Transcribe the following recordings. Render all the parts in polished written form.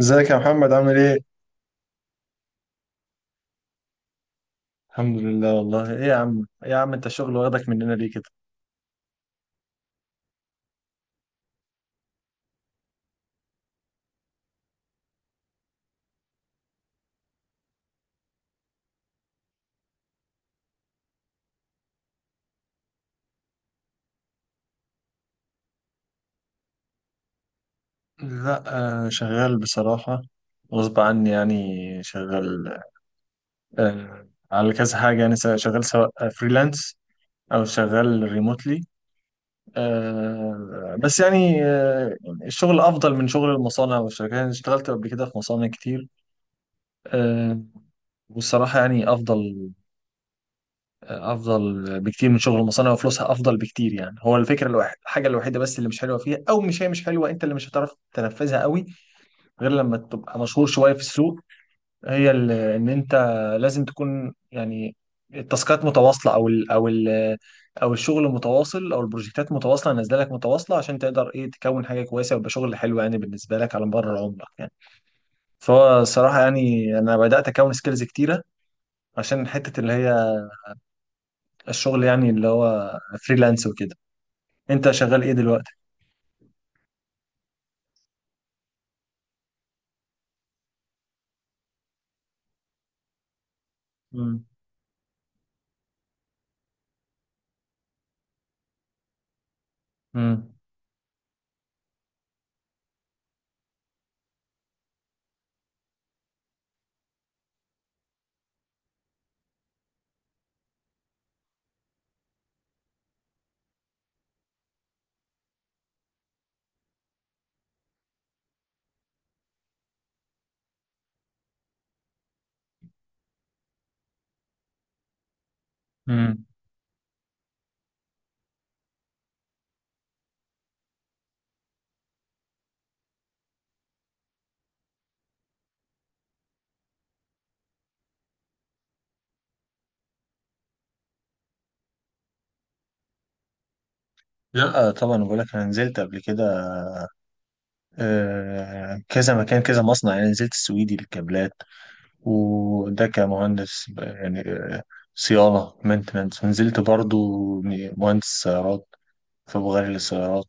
ازيك يا محمد عامل ايه؟ الحمد لله والله. ايه يا عم، انت الشغل واخدك مننا ليه كده؟ لا، آه شغال بصراحة. غصب عني يعني. شغال على كذا حاجة يعني، شغال سواء فريلانس او شغال ريموتلي. آه بس يعني آه الشغل افضل من شغل المصانع والشركات. انا اشتغلت قبل كده في مصانع كتير. آه والصراحة يعني افضل، افضل بكتير من شغل المصانع، وفلوسها افضل بكتير. يعني هو الفكره الوحيده، الحاجه الوحيده بس اللي مش حلوه فيها، او مش حلوه، انت اللي مش هتعرف تنفذها قوي غير لما تبقى مشهور شويه في السوق. هي ال- ان انت لازم تكون يعني التاسكات متواصله، او الشغل متواصل، او البروجكتات متواصله نازله لك متواصله، عشان تقدر ايه تكون حاجه كويسه ويبقى شغل حلو يعني بالنسبه لك على مدار عمرك يعني. فهو الصراحه يعني انا بدات اكون سكيلز كتيره عشان حته اللي هي الشغل يعني اللي هو فريلانس وكده. انت شغال ايه دلوقتي؟ مم. مم. مم. لا طبعا، بقول لك انا نزلت قبل كده كذا مكان، كذا مصنع يعني. نزلت السويدي للكابلات، وده كمهندس صيانه مينتنس. ونزلت برضو مهندس سيارات، فبغير للسيارات.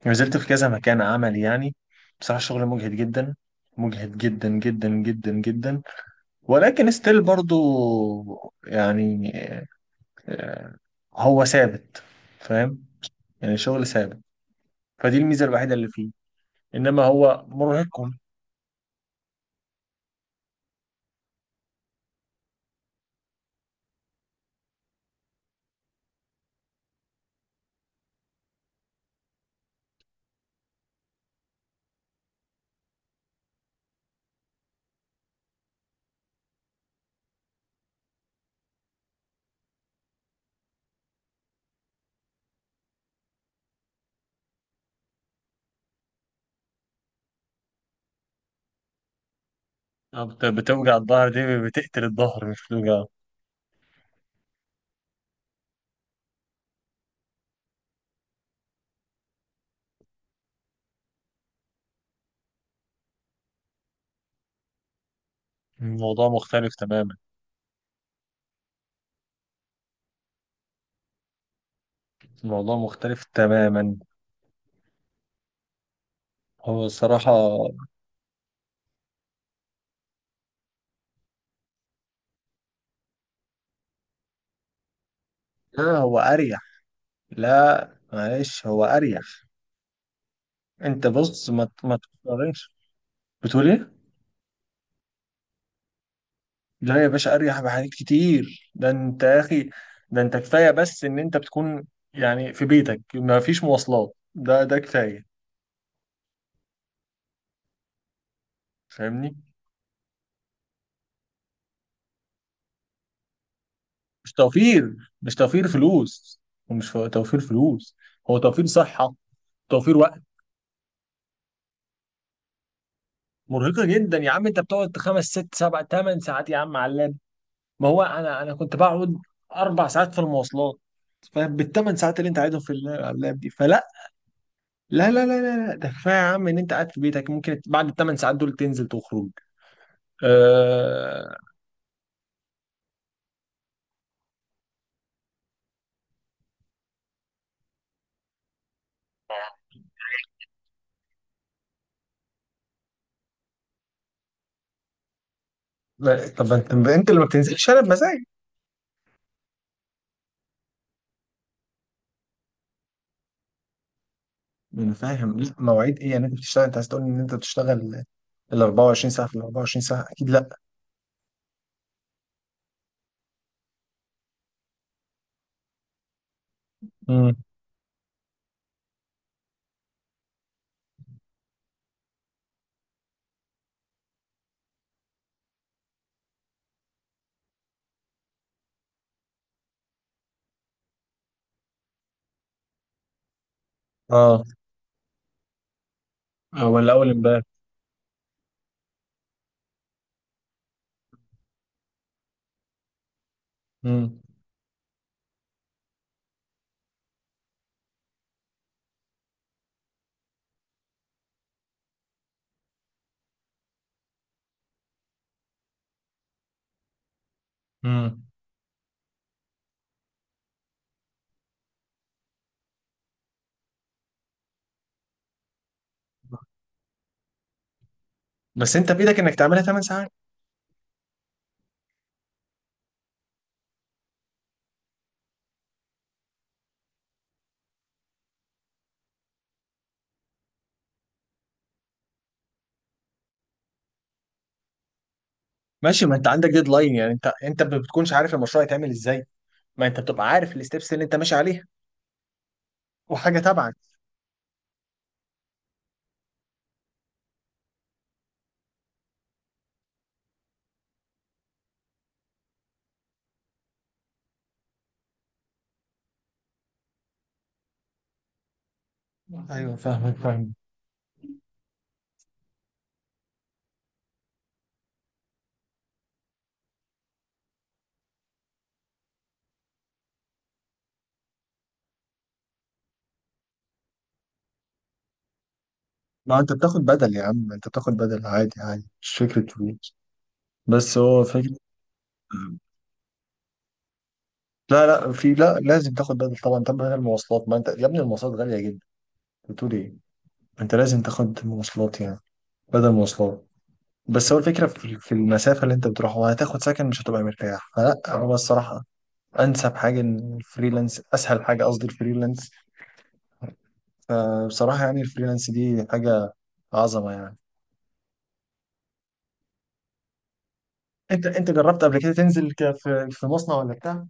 يعني نزلت في كذا مكان عمل يعني. بصراحه شغل مجهد جدا، مجهد جدا جدا جدا جدا، ولكن ستيل برضو يعني آه، هو ثابت، فاهم؟ يعني شغل ثابت. فدي الميزة الوحيدة اللي فيه. إنما هو مرهقكم. بتوجع الظهر، دي بتقتل الظهر مش بتوجع. الموضوع مختلف تماما. الموضوع مختلف تماما، هو الصراحة. لا هو أريح. لا معلش، هو أريح. أنت بص، ما تقارنش. بتقول إيه؟ لا يا باشا، أريح بحاجات كتير. ده أنت يا أخي، ده أنت كفاية بس إن أنت بتكون يعني في بيتك، ما فيش مواصلات. ده كفاية. فاهمني؟ مش توفير، مش توفير فلوس، ومش توفير فلوس. هو توفير صحة، توفير وقت. مرهقة جدا يا عم. انت بتقعد خمس ست سبع ثمان ساعات يا عم على اللاب. ما هو انا كنت بقعد 4 ساعات في المواصلات. فاهم؟ بالثمان ساعات اللي انت قاعدهم في على اللاب دي. فلا، لا لا لا لا لا، ده كفايه يا عم، ان انت قاعد في بيتك ممكن بعد الثمان ساعات دول تنزل تخرج. آه... لا، طب انت، اللي ما بتنزلش انا بمزاج. انا فاهم. لا، مواعيد ايه يعني؟ انت بتشتغل؟ انت عايز تقول ان انت بتشتغل ال 24 ساعه؟ في ال 24 ساعه اكيد لا. امم. اه. ولا اول امبارح. امم. امم. بس انت بايدك انك تعملها 8 ساعات. ماشي، ما انت عندك ديدلاين يعني. انت ما بتكونش عارف المشروع يتعمل ازاي؟ ما انت بتبقى عارف الستبس اللي انت ماشي عليها، وحاجه تبعك. ايوه فاهمك، فاهم. ما انت بتاخد بدل يا عم، انت بتاخد بدل عادي عادي، مش فكره فلوس. بس هو فكره. لا لا، في، لا لازم تاخد بدل طبعا. طب بدل المواصلات، ما انت يا ابني المواصلات غاليه جدا. بتقول ايه؟ انت لازم تاخد مواصلات يعني، بدل مواصلات. بس هو الفكره في المسافه اللي انت بتروحها، هتاخد سكن مش هتبقى مرتاح. فلا، هو الصراحه انسب حاجه ان الفريلانس اسهل حاجه، قصدي الفريلانس. فبصراحه يعني الفريلانس دي حاجه عظمه يعني. انت جربت قبل كده تنزل في مصنع ولا بتاع؟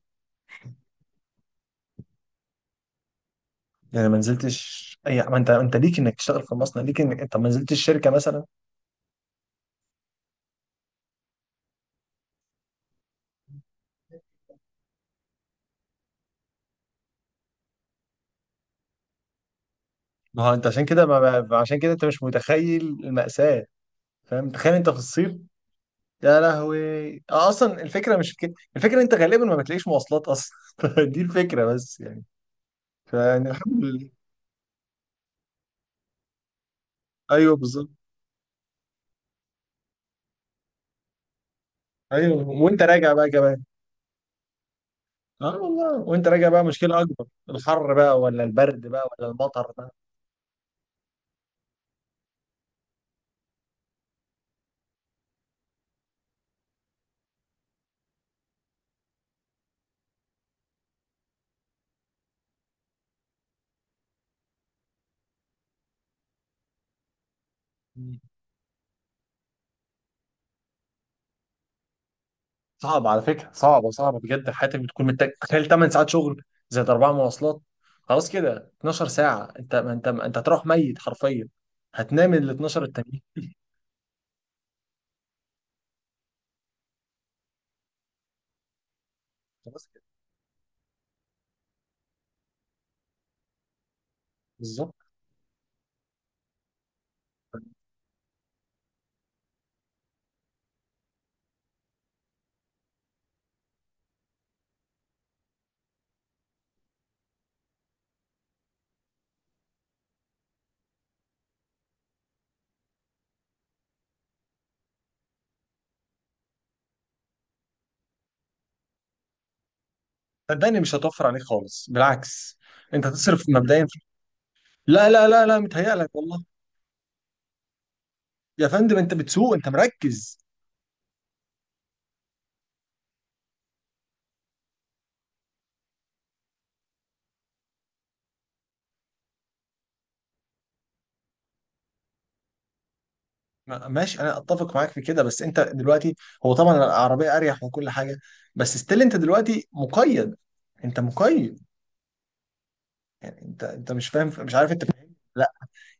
يعني ما نزلتش؟ اي ما انت، ليك انك تشتغل في مصنع، ليك انك انت ما نزلتش شركه مثلا. ما هو انت عشان كده، عشان كده انت مش متخيل المأساة. فاهم؟ تخيل انت في الصيف. يا لهوي. اصلا الفكره مش في كده، الفكره انت غالبا ما بتلاقيش مواصلات اصلا دي الفكره بس يعني. فيعني الحمد لله. ايوه بالظبط. ايوه، وانت راجع بقى كمان. اه والله، وانت راجع بقى مشكله اكبر، الحر بقى ولا البرد بقى ولا المطر بقى. مم. صعب على فكره، صعبه صعبه بجد. حياتك بتكون محتاج، تخيل 8 ساعات شغل زائد اربع مواصلات، خلاص كده 12 ساعه. انت ما انت هتروح ميت حرفيا. هتنام ال 12 التانيين. خلاص كده. بالظبط. صدقني مش هتوفر عليك خالص، بالعكس، انت هتصرف مبدئيا في... لا لا لا لا، متهيألك والله. يا فندم انت بتسوق، انت مركز. ماشي انا اتفق معاك في كده. بس انت دلوقتي، هو طبعا العربيه اريح وكل حاجه، بس ستيل انت دلوقتي مقيد. انت مقيد. يعني انت مش فاهم، مش عارف. انت فاهم؟ لا.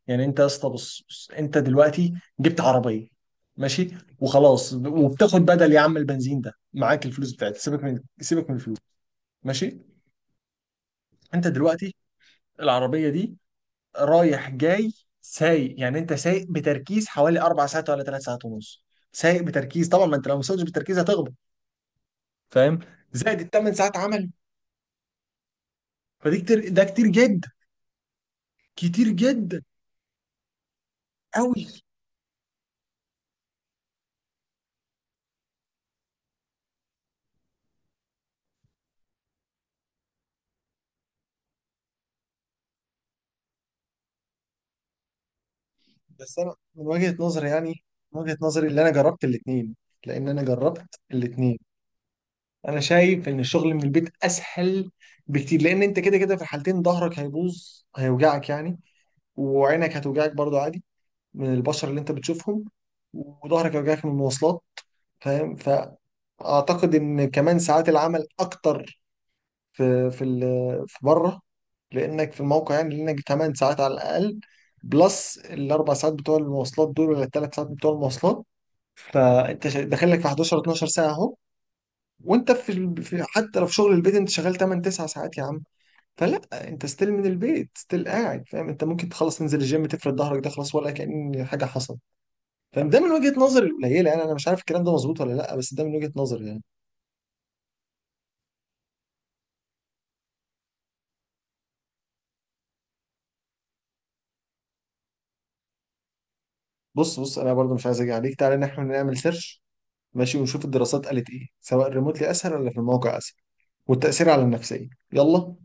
يعني انت يا اسطى، بص بص، انت دلوقتي جبت عربيه، ماشي وخلاص، وبتاخد بدل يا عم، البنزين ده معاك، الفلوس بتاعتك، سيبك من الفلوس. ماشي. انت دلوقتي العربيه دي رايح جاي سايق. يعني انت سايق بتركيز حوالي اربع ساعات ولا 3 ساعات ونص. سايق بتركيز طبعا، ما انت لو ما سوقتش بتركيز هتغلط. فاهم؟ زائد الثمان ساعات عمل، فدي كتير. ده كتير جدا، كتير جدا، قوي. بس انا من وجهة نظري يعني، من وجهة نظري اللي انا جربت الاثنين، لان انا جربت الاثنين، انا شايف ان الشغل من البيت اسهل بكتير. لان انت كده كده في الحالتين ظهرك هيبوظ هيوجعك يعني، وعينك هتوجعك برضو عادي من البشر اللي انت بتشوفهم، وظهرك يوجعك من المواصلات. فاهم؟ فاعتقد ان كمان ساعات العمل اكتر في بره، لانك في الموقع يعني. لانك 8 ساعات على الاقل بلس الاربع ساعات بتوع المواصلات دول ولا الثلاث ساعات بتوع المواصلات. فانت داخل لك في 11 12 ساعه اهو. وانت في, في حتى لو في شغل البيت، انت شغال 8 9 ساعات يا عم. فلا، انت ستيل من البيت، ستيل قاعد. فاهم؟ انت ممكن تخلص تنزل الجيم تفرد ظهرك، ده خلاص ولا كأن حاجه حصلت. فده من وجهة نظري القليلة يعني، انا مش عارف الكلام ده مظبوط ولا لا، بس ده من وجهة نظري يعني. بص بص، انا برضو مش عايز اجي عليك، تعالى ان احنا نعمل سيرش، ماشي، ونشوف الدراسات قالت ايه، سواء ريموتلي اسهل ولا في الموقع اسهل، والتأثير على النفسية. يلا.